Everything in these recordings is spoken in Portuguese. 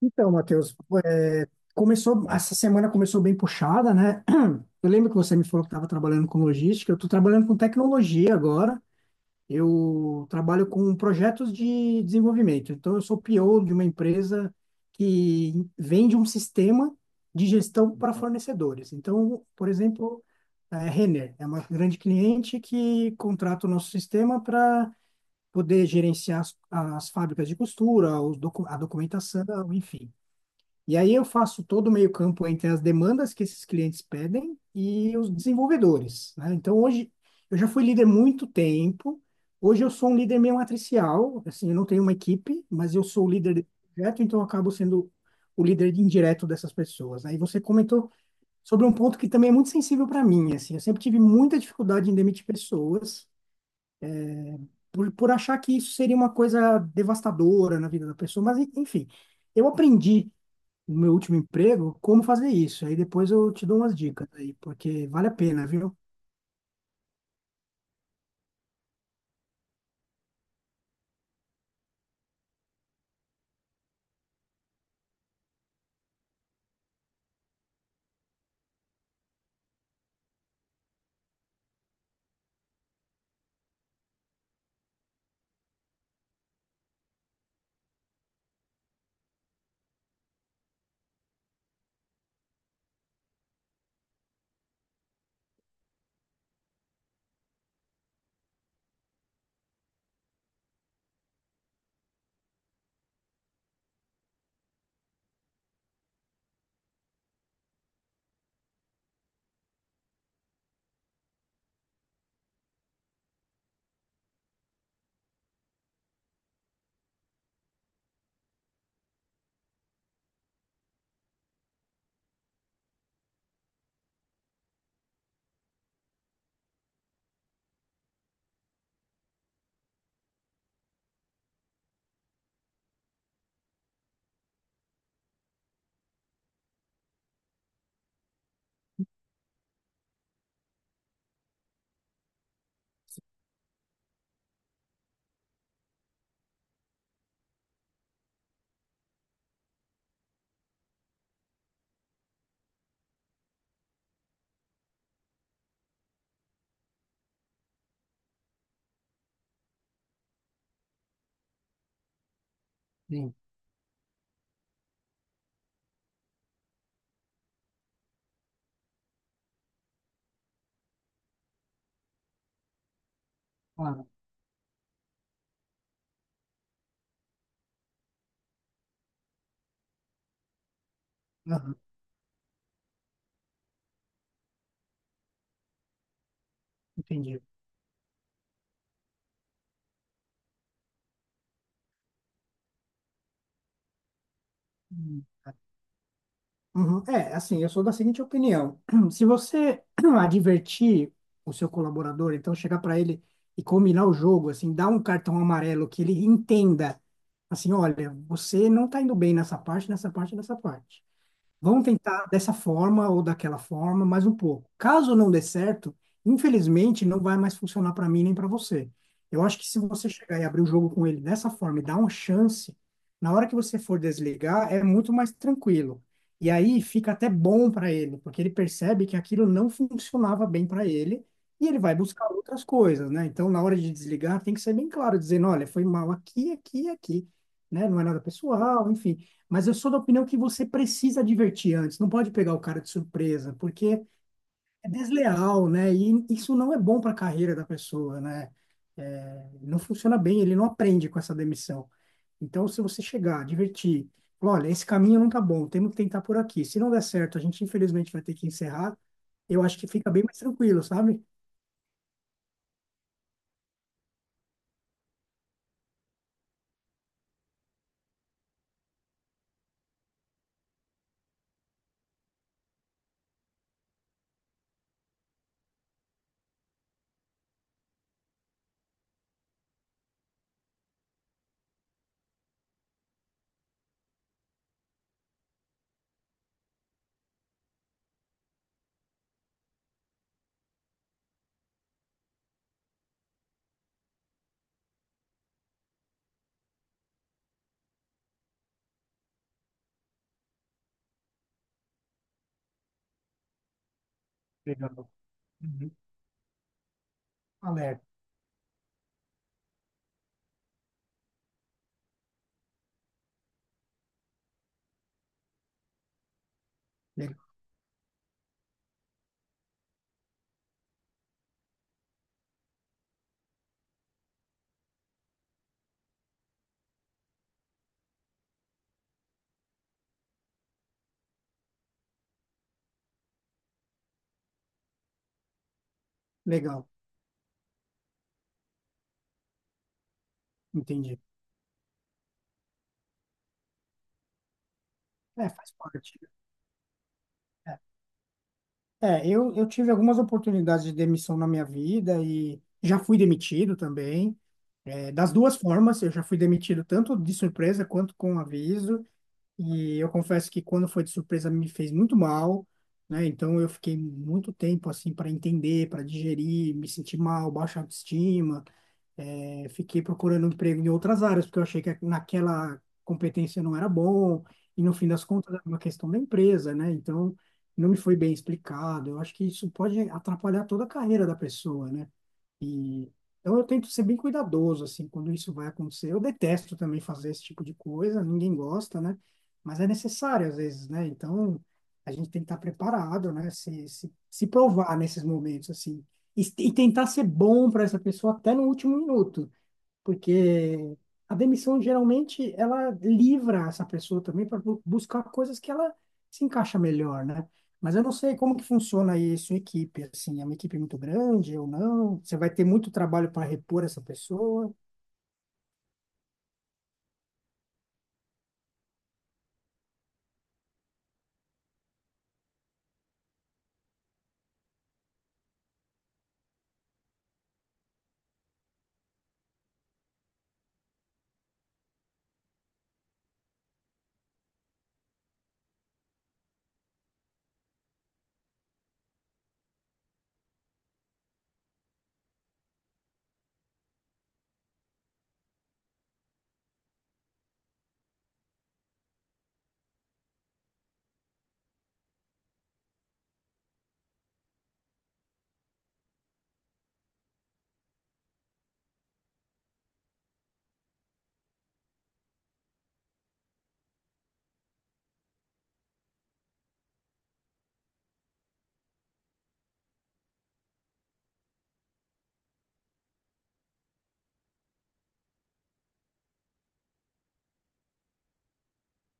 Então, Matheus, é, essa semana começou bem puxada, né? Eu lembro que você me falou que estava trabalhando com logística, eu estou trabalhando com tecnologia agora. Eu trabalho com projetos de desenvolvimento. Então, eu sou PO de uma empresa que vende um sistema de gestão para fornecedores. Então, por exemplo, a Renner é uma grande cliente que contrata o nosso sistema para poder gerenciar as fábricas de costura, a documentação, enfim. E aí eu faço todo o meio-campo entre as demandas que esses clientes pedem e os desenvolvedores, né? Então hoje eu já fui líder muito tempo. Hoje eu sou um líder meio matricial, assim, eu não tenho uma equipe, mas eu sou o líder de projeto, então eu acabo sendo o líder indireto dessas pessoas, né? E você comentou sobre um ponto que também é muito sensível para mim, assim, eu sempre tive muita dificuldade em demitir pessoas por achar que isso seria uma coisa devastadora na vida da pessoa, mas enfim, eu aprendi no meu último emprego como fazer isso. Aí depois eu te dou umas dicas aí, porque vale a pena, viu? Sim, claro. Aham, entendi. Hum. Uhum. É, assim, eu sou da seguinte opinião. Se você advertir o seu colaborador, então chegar para ele e combinar o jogo, assim, dar um cartão amarelo que ele entenda, assim, olha, você não está indo bem nessa parte, nessa parte, nessa parte. Vamos tentar dessa forma ou daquela forma, mais um pouco. Caso não dê certo, infelizmente não vai mais funcionar para mim nem para você. Eu acho que se você chegar e abrir o jogo com ele dessa forma e dar uma chance, na hora que você for desligar, é muito mais tranquilo. E aí fica até bom para ele, porque ele percebe que aquilo não funcionava bem para ele e ele vai buscar outras coisas, né? Então, na hora de desligar, tem que ser bem claro, dizendo, olha, foi mal aqui, aqui, e aqui, né? Não é nada pessoal, enfim. Mas eu sou da opinião que você precisa advertir antes, não pode pegar o cara de surpresa, porque é desleal, né? E isso não é bom para a carreira da pessoa, né? É, não funciona bem, ele não aprende com essa demissão. Então, se você chegar, advertir, falar, olha, esse caminho não tá bom, temos que tentar por aqui. Se não der certo, a gente infelizmente vai ter que encerrar. Eu acho que fica bem mais tranquilo, sabe? Legal. Uhum. Alerta. Legal. Legal. Entendi. É, faz parte. É. Eu tive algumas oportunidades de demissão na minha vida e já fui demitido também. É, das duas formas, eu já fui demitido tanto de surpresa quanto com aviso. E eu confesso que quando foi de surpresa me fez muito mal, né? Então eu fiquei muito tempo assim para entender, para digerir, me senti mal, baixa autoestima. Fiquei procurando emprego em outras áreas, porque eu achei que naquela competência não era bom, e no fim das contas era uma questão da empresa, né? Então não me foi bem explicado. Eu acho que isso pode atrapalhar toda a carreira da pessoa, né? E então eu tento ser bem cuidadoso, assim, quando isso vai acontecer. Eu detesto também fazer esse tipo de coisa, ninguém gosta, né? Mas é necessário às vezes, né? Então a gente tem que estar preparado, né? Se provar nesses momentos, assim. E tentar ser bom para essa pessoa até no último minuto porque a demissão geralmente ela livra essa pessoa também para buscar coisas que ela se encaixa melhor, né? Mas eu não sei como que funciona aí a sua equipe, assim, é uma equipe muito grande ou não? Você vai ter muito trabalho para repor essa pessoa?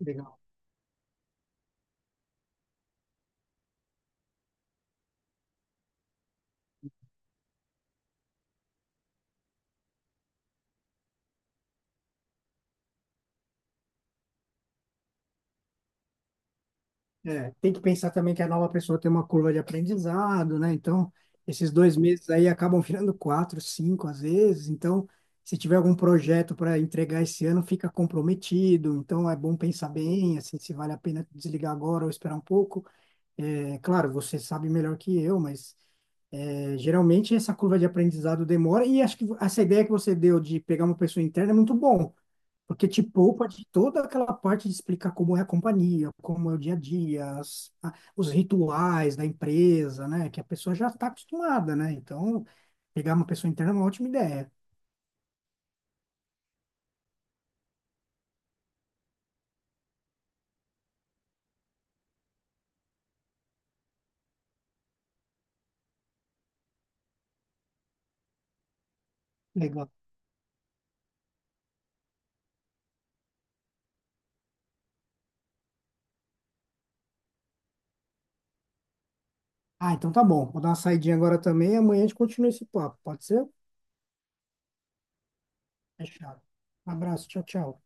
Legal. É, tem que pensar também que a nova pessoa tem uma curva de aprendizado, né? Então, esses dois meses aí acabam virando quatro, cinco às vezes. Então, se tiver algum projeto para entregar esse ano, fica comprometido. Então, é bom pensar bem, assim, se vale a pena desligar agora ou esperar um pouco. É, claro, você sabe melhor que eu, mas é, geralmente essa curva de aprendizado demora. E acho que essa ideia que você deu de pegar uma pessoa interna é muito bom, porque te poupa de toda aquela parte de explicar como é a companhia, como é o dia a dia, os rituais da empresa, né? Que a pessoa já está acostumada, né? Então, pegar uma pessoa interna é uma ótima ideia. Legal. Ah, então tá bom. Vou dar uma saidinha agora também. Amanhã a gente continua esse papo. Pode ser? Fechado. Um abraço. Tchau, tchau.